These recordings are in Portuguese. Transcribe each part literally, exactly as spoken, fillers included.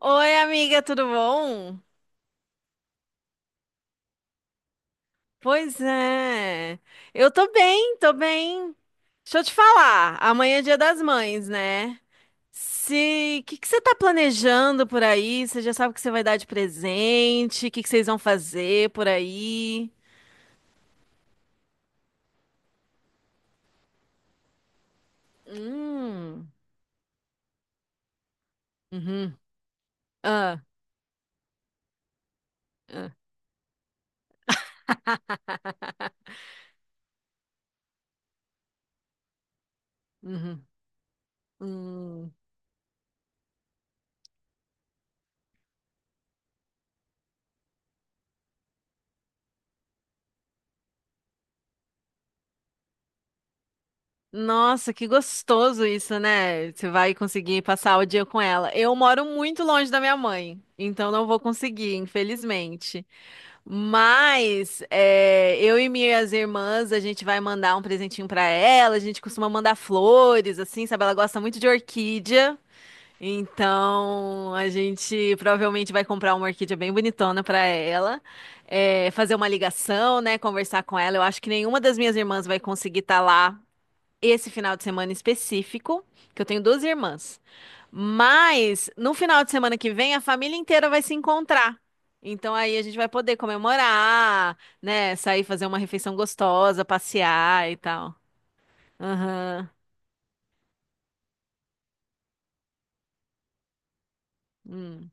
Oi, amiga, tudo bom? Pois é. Eu tô bem, tô bem. Deixa eu te falar, amanhã é Dia das Mães, né? Se, o que que você tá planejando por aí? Você já sabe o que você vai dar de presente? O que que vocês vão fazer por aí? Hum. Uhum. Ah. Ah. Uhum. Hum. Nossa, que gostoso isso, né? Você vai conseguir passar o dia com ela. Eu moro muito longe da minha mãe, então não vou conseguir, infelizmente. Mas é, eu e minhas irmãs, a gente vai mandar um presentinho pra ela. A gente costuma mandar flores, assim, sabe? Ela gosta muito de orquídea. Então a gente provavelmente vai comprar uma orquídea bem bonitona pra ela, é, fazer uma ligação, né? Conversar com ela. Eu acho que nenhuma das minhas irmãs vai conseguir estar lá esse final de semana específico, que eu tenho duas irmãs. Mas no final de semana que vem a família inteira vai se encontrar. Então aí a gente vai poder comemorar, né? Sair fazer uma refeição gostosa, passear e tal. Aham. Hum,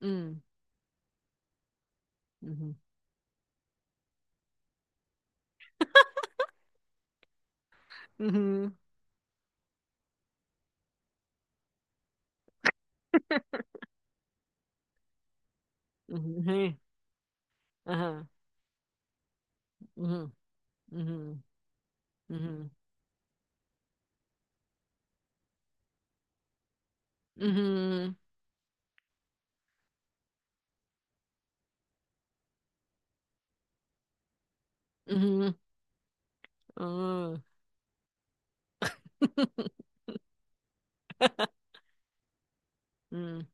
hum, uhum. Uhum, uhum, aham, uhum, uhum, uhum, uhum, uhum, uhum, uhum,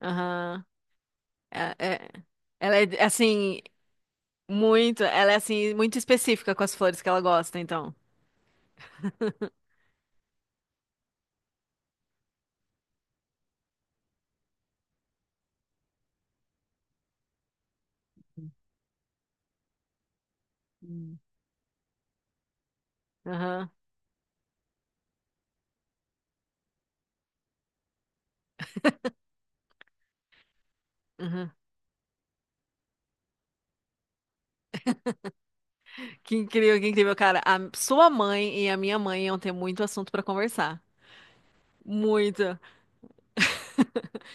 aham. É, é- ela é assim, muito, ela é assim, muito específica com as flores que ela gosta, então. Hum. Aham. Aham. Que incrível, que incrível, cara. A sua mãe e a minha mãe iam ter muito assunto pra conversar. Muito.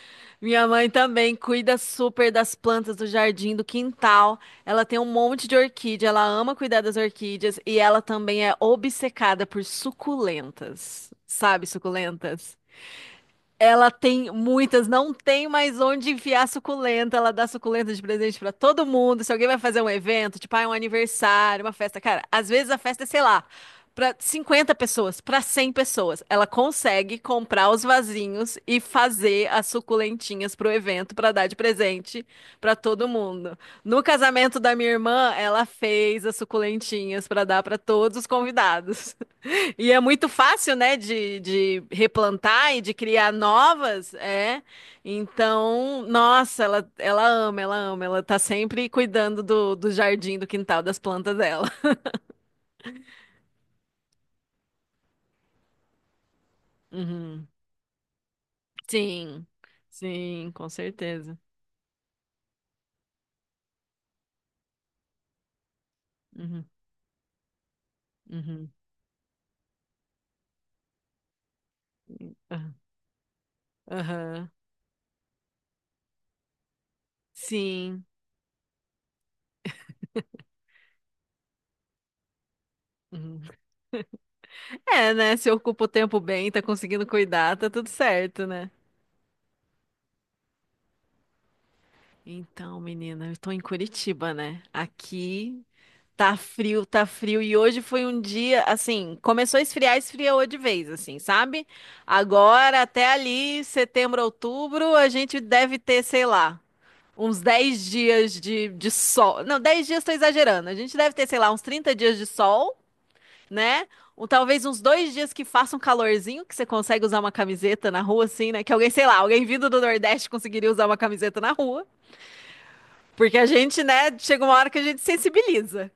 Minha mãe também cuida super das plantas do jardim, do quintal. Ela tem um monte de orquídea, ela ama cuidar das orquídeas e ela também é obcecada por suculentas. Sabe, suculentas? Ela tem muitas, não tem mais onde enfiar suculenta. Ela dá suculenta de presente pra todo mundo. Se alguém vai fazer um evento, tipo, ah, é um aniversário, uma festa, cara, às vezes a festa é, sei lá, pra cinquenta pessoas, pra cem pessoas. Ela consegue comprar os vasinhos e fazer as suculentinhas pro evento pra dar de presente pra todo mundo. No casamento da minha irmã, ela fez as suculentinhas pra dar pra todos os convidados. E é muito fácil, né, de, de replantar e de criar novas, é. Então, nossa, ela, ela ama, ela ama, ela tá sempre cuidando do, do jardim, do quintal, das plantas dela. Uhum. Sim, sim, com certeza. Uhum, uhum, aham, aham, sim. Uhum. É, né, se ocupa o tempo bem, tá conseguindo cuidar, tá tudo certo, né? Então, menina, eu tô em Curitiba, né? Aqui tá frio, tá frio. E hoje foi um dia, assim, começou a esfriar, esfriou de vez, assim, sabe? Agora, até ali, setembro, outubro, a gente deve ter, sei lá, uns dez dias de, de sol. Não, dez dias tô exagerando. A gente deve ter, sei lá, uns trinta dias de sol, né? Ou talvez uns dois dias que faça um calorzinho, que você consegue usar uma camiseta na rua, assim, né? Que alguém, sei lá, alguém vindo do Nordeste conseguiria usar uma camiseta na rua. Porque a gente, né, chega uma hora que a gente sensibiliza.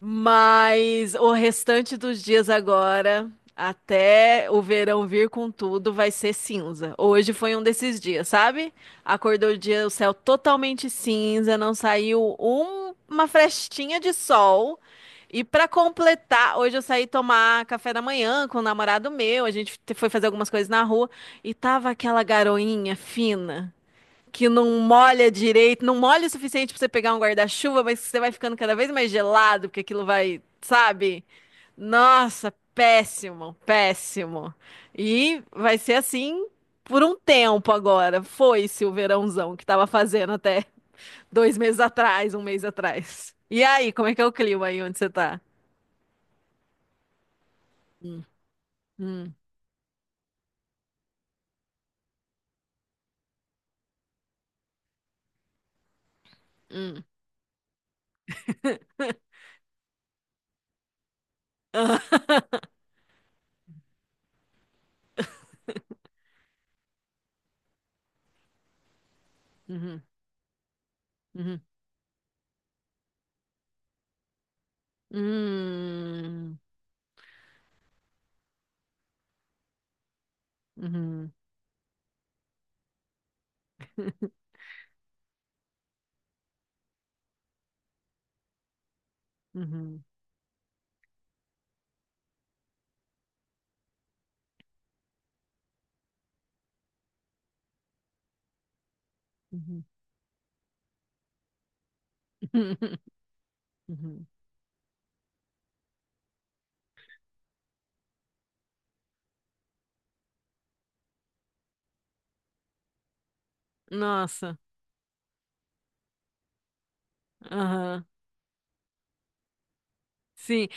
Mas o restante dos dias agora, até o verão vir com tudo, vai ser cinza. Hoje foi um desses dias, sabe? Acordou o dia, o céu totalmente cinza, não saiu um- uma frestinha de sol. E pra completar, hoje eu saí tomar café da manhã com o namorado meu, a gente te- foi fazer algumas coisas na rua e tava aquela garoinha fina que não molha direito, não molha o suficiente pra você pegar um guarda-chuva, mas você vai ficando cada vez mais gelado, porque aquilo vai, sabe? Nossa, péssimo, péssimo. E vai ser assim por um tempo agora. Foi-se o verãozão que tava fazendo até dois meses atrás, um mês atrás. E aí, como é que é o clima aí onde você tá? Hum, hum. Uhum, uhum, uhum, uhum, uhum, uhum, uhum, uhum. Nossa. Aham, sim.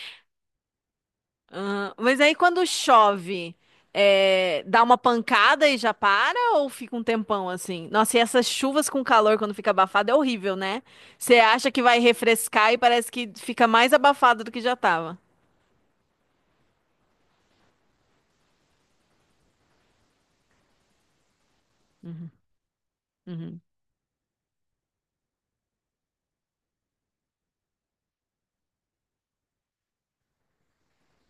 Aham. Mas aí quando chove, é, dá uma pancada e já para ou fica um tempão assim? Nossa, e essas chuvas com calor quando fica abafado é horrível, né? Você acha que vai refrescar e parece que fica mais abafado do que já tava. Uhum,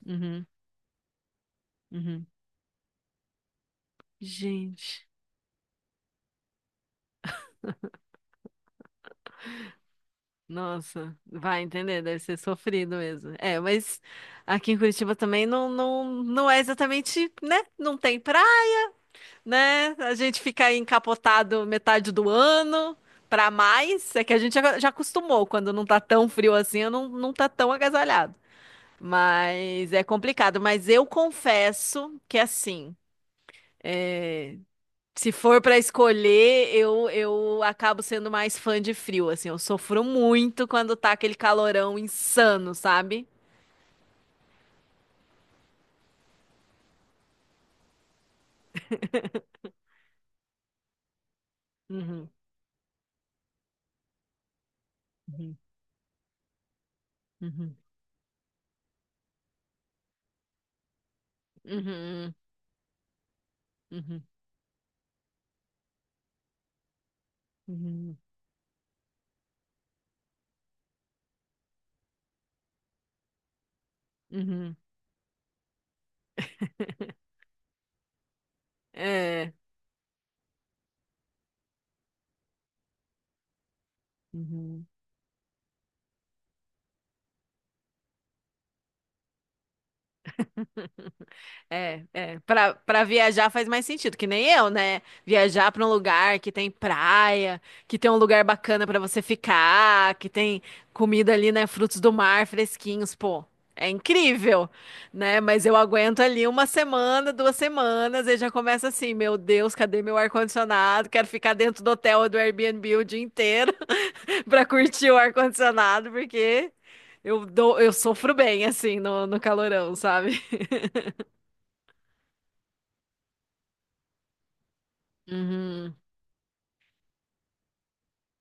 uhum, uhum. Gente, nossa, vai entender, deve ser sofrido mesmo. É, mas aqui em Curitiba também não, não, não é exatamente, né? Não tem praia. Né? A gente fica aí encapotado metade do ano pra mais. É que a gente já, já acostumou, quando não tá tão frio assim, não, não tá tão agasalhado. Mas é complicado. Mas eu confesso que assim, é, se for pra escolher, eu, eu acabo sendo mais fã de frio, assim. Eu sofro muito quando tá aquele calorão insano, sabe? Uhum, uhum, uhum, uhum, uhum, uhum, uhum. É. Uhum. É, é. Pra, pra viajar faz mais sentido, que nem eu, né? Viajar pra um lugar que tem praia, que tem um lugar bacana pra você ficar, que tem comida ali, né? Frutos do mar fresquinhos, pô. É incrível, né? Mas eu aguento ali uma semana, duas semanas, e já começa assim: meu Deus, cadê meu ar-condicionado? Quero ficar dentro do hotel ou do Airbnb o dia inteiro pra curtir o ar-condicionado, porque eu dou, eu sofro bem, assim, no, no calorão, sabe? Uhum,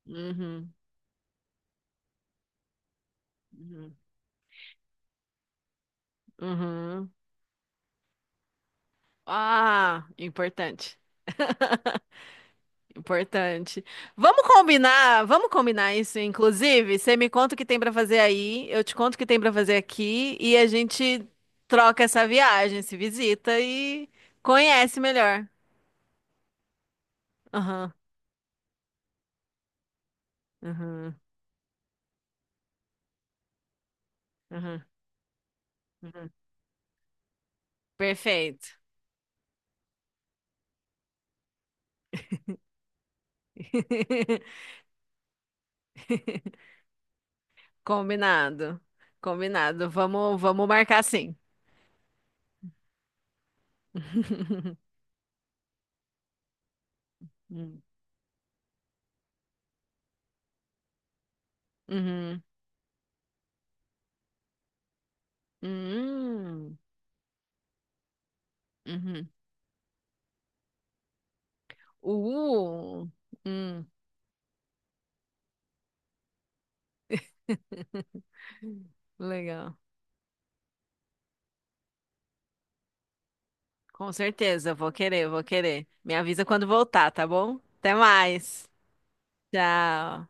uhum, uhum, uhum. Ah, importante. Importante. Vamos combinar, vamos combinar isso, inclusive. Você me conta o que tem pra fazer aí, eu te conto o que tem pra fazer aqui e a gente troca essa viagem, se visita e conhece melhor. Aham, aham, aham, aham. Perfeito. Combinado. Combinado. Vamos, vamos marcar sim. Uhum. Hum, uhum. Uh, hum, legal. Com certeza, eu vou querer, eu vou querer. Me avisa quando voltar, tá bom? Até mais. Tchau.